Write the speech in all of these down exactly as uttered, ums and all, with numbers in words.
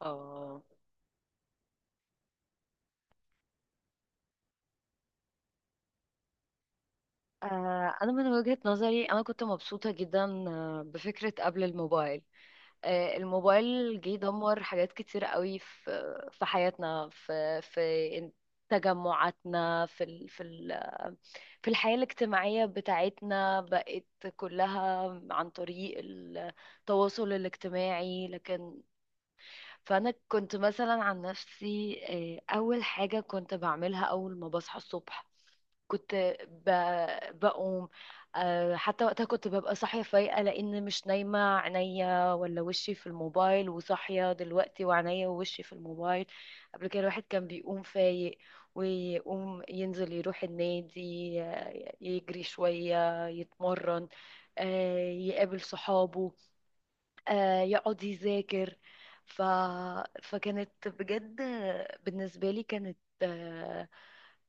اه آه، أنا من وجهة نظري أنا كنت مبسوطة جدا آه، بفكرة قبل الموبايل. آه، الموبايل جه دمر حاجات كتير قوي في في حياتنا، في في تجمعاتنا، في ال في ال في الحياة الاجتماعية بتاعتنا، بقت كلها عن طريق التواصل الاجتماعي. لكن فأنا كنت مثلا عن نفسي، آه، أول حاجة كنت بعملها أول ما بصحى الصبح كنت ب... بقوم. آه، حتى وقتها كنت ببقى صاحية فايقة، لأن مش نايمة عينيا ولا وشي في الموبايل، وصاحية دلوقتي وعينيا ووشي في الموبايل. قبل كده الواحد كان بيقوم فايق، ويقوم ينزل يروح النادي، آه، يجري شوية يتمرن، آه، يقابل صحابه، آه، يقعد يذاكر. ف... فكانت بجد بالنسبة لي كانت، آه،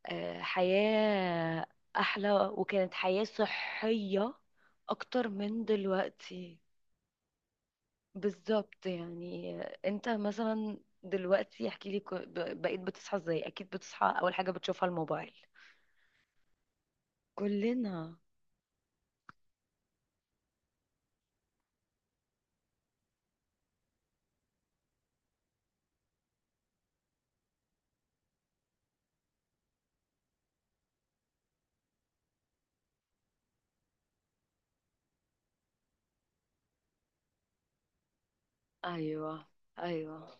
آه، حياة أحلى، وكانت حياة صحية أكتر من دلوقتي. بالظبط. يعني أنت مثلا دلوقتي احكي لي، ك- ب- بقيت بتصحى ازاي؟ أكيد بتصحى أول حاجة بتشوفها الموبايل. كلنا. أيوه. أيوه.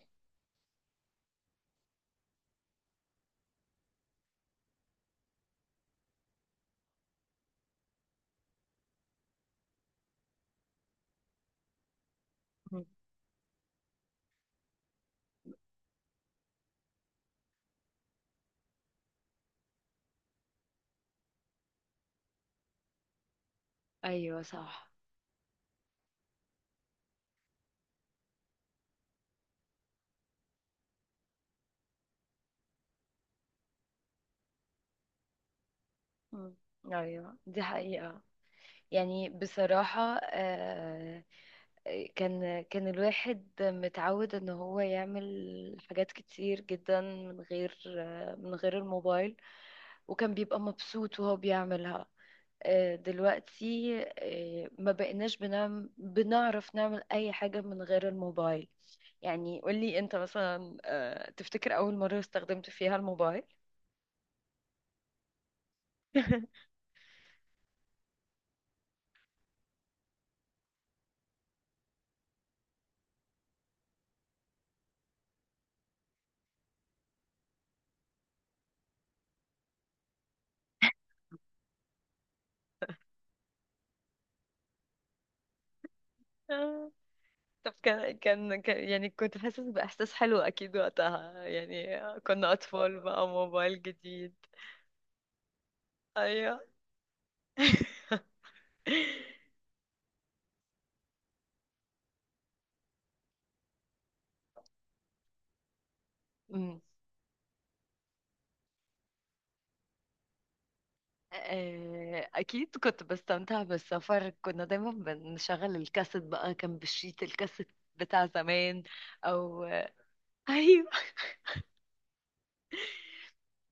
أيوه، صح. أيوه، دي حقيقة. يعني بصراحة، آه، كان كان الواحد متعود ان هو يعمل حاجات كتير جدا من غير، آه، من غير الموبايل، وكان بيبقى مبسوط وهو بيعملها. آه، دلوقتي آه، ما بقيناش بنعم بنعرف نعمل اي حاجة من غير الموبايل. يعني قولي انت مثلا، آه، تفتكر اول مرة استخدمت فيها الموبايل؟ طب كان كان كان- يعني كنت حاسس بإحساس حلو أكيد وقتها، يعني كنا أطفال بقى، موبايل جديد. أيوه. أمم. آه، أكيد كنت بستمتع بالسفر. كنا دايما بنشغل الكاسيت بقى، كان بالشيت الكاسيت بتاع زمان. أو أيوه.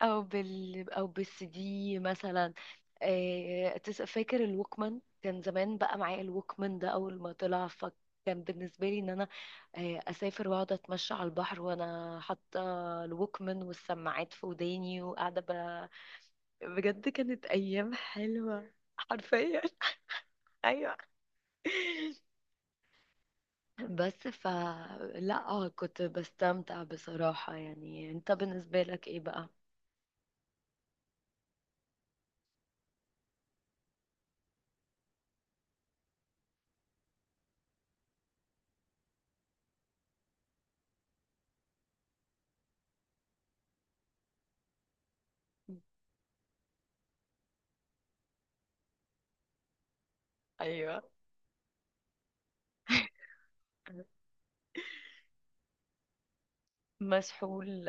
او بال او بالسي دي مثلا. آه، تس- فاكر الوكمان، كان زمان بقى معايا الوكمان ده اول ما طلع، فكان بالنسبه لي ان انا آه، اسافر واقعد اتمشى على البحر وانا حاطه الوكمان والسماعات في وداني وقاعده ب... بجد كانت ايام حلوه حرفيا. ايوه. بس ف لا، آه، كنت بستمتع بصراحه. يعني انت بالنسبه لك ايه بقى؟ ايوه. مسحول.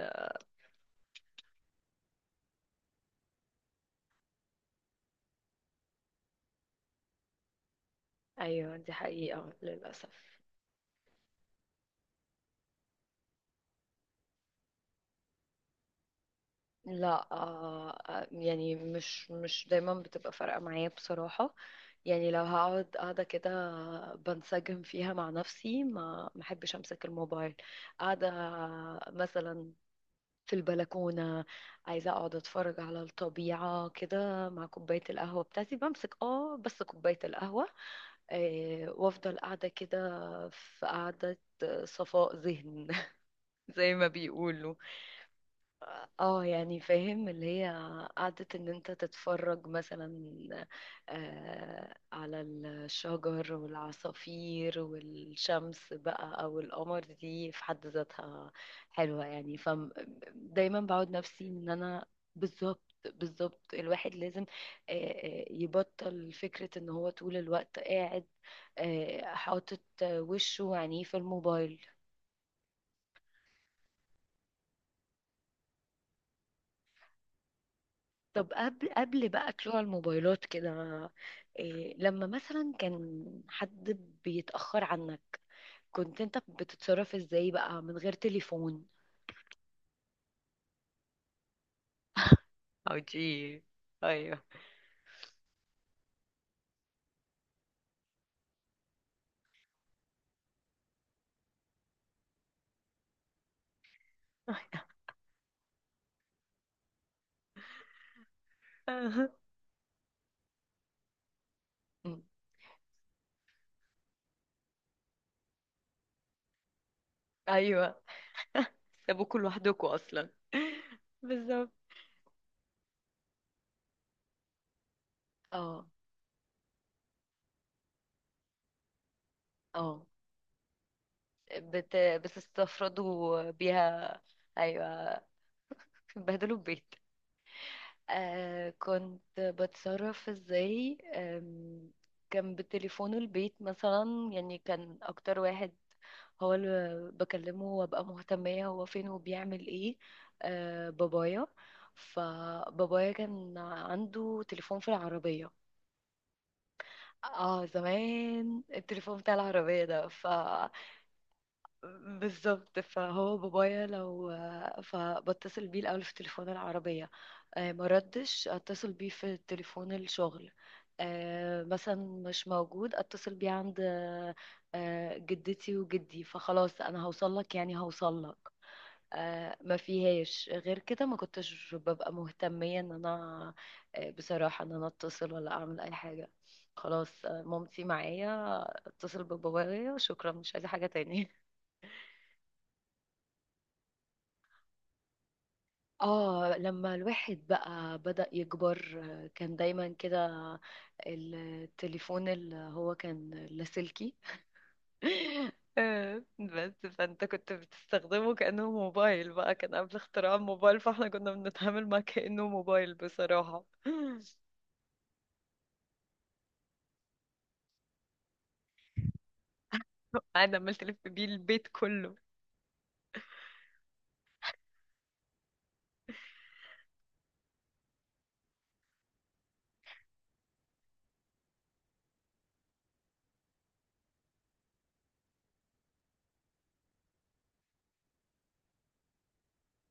ايوه، دي حقيقة للأسف. لا آه آه، يعني مش مش دايما بتبقى فارقة معايا بصراحة. يعني لو هقعد قاعدة كده بنسجم فيها مع نفسي، ما محبش امسك الموبايل. قاعدة مثلا في البلكونة، عايزة اقعد اتفرج على الطبيعة كده مع كوباية القهوة بتاعتي، بمسك اه بس كوباية القهوة، آه وافضل قاعدة كده في قعدة صفاء ذهن زي ما بيقولوا. اه يعني فاهم اللي هي قعدة ان انت تتفرج مثلا آه على الشجر والعصافير والشمس بقى او القمر، دي في حد ذاتها حلوة يعني، فدايما بعود نفسي ان انا. بالظبط بالظبط، الواحد لازم آه، آه، يبطل فكرة ان هو طول الوقت قاعد آه، حاطط وشه وعينيه في الموبايل. طب قبل قبل بقى طلوع الموبايلات كده، إيه لما مثلا كان حد بيتأخر عنك، كنت انت بتتصرف ازاي بقى من غير تليفون؟ او جي. ايوه. مم. ايوه، سابوكوا لوحدكم اصلا. بالظبط. اه اه، بت... بتستفردوا بيها. ايوه، بتبهدلوا البيت. آه كنت بتصرف ازاي؟ آم، كان بتليفونه البيت مثلا، يعني كان اكتر واحد هو اللي بكلمه وابقى مهتمية هو فين وبيعمل ايه آه بابايا. فبابايا كان عنده تليفون في العربية. اه، زمان التليفون بتاع العربية ده ف بالظبط. فهو بابايا لو فبتصل بيه الأول في تليفون العربية، آه، ما ردش اتصل بيه في تليفون الشغل، آه، مثلا مش موجود اتصل بيه عند آه، جدتي وجدي، فخلاص انا هوصل لك يعني هوصل لك. آه، ما فيهاش غير كده. ما كنتش ببقى مهتمية ان انا آه، بصراحة ان انا اتصل ولا اعمل اي حاجة. خلاص آه، مامتي معايا، اتصل ببابايا شكرا، مش عايزة حاجة تاني. اه لما الواحد بقى بدأ يكبر، آه، كان دايما كده التليفون اللي هو كان لاسلكي. آه، بس فانت كنت بتستخدمه كأنه موبايل بقى، كان قبل اختراع الموبايل، فاحنا كنا بنتعامل معاه كأنه موبايل بصراحة. انا عملت الف بيه البيت كله.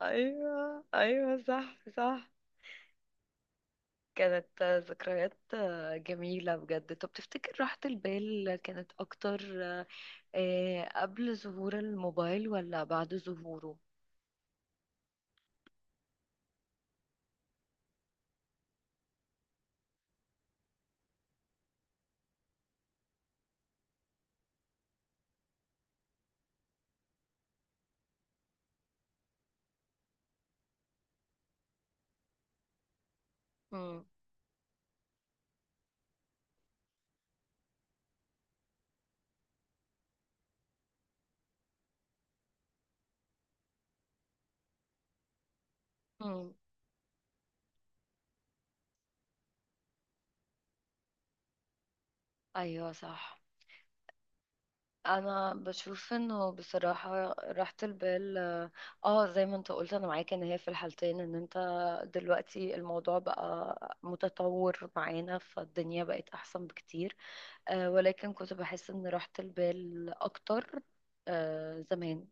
ايوه ايوه، صح صح. كانت آه، ذكريات آه، جميلة بجد. طب تفتكر راحة البال كانت اكتر إيه، قبل ظهور الموبايل ولا بعد ظهوره؟ مم. مم. ايوه صح. انا بشوف انه بصراحة راحة البال اه، آه، زي ما انت قلت انا معاك ان هي في الحالتين. ان انت دلوقتي الموضوع بقى متطور معانا فالدنيا بقت احسن بكتير، آه ولكن كنت بحس ان راحة البال اكتر آه زمان.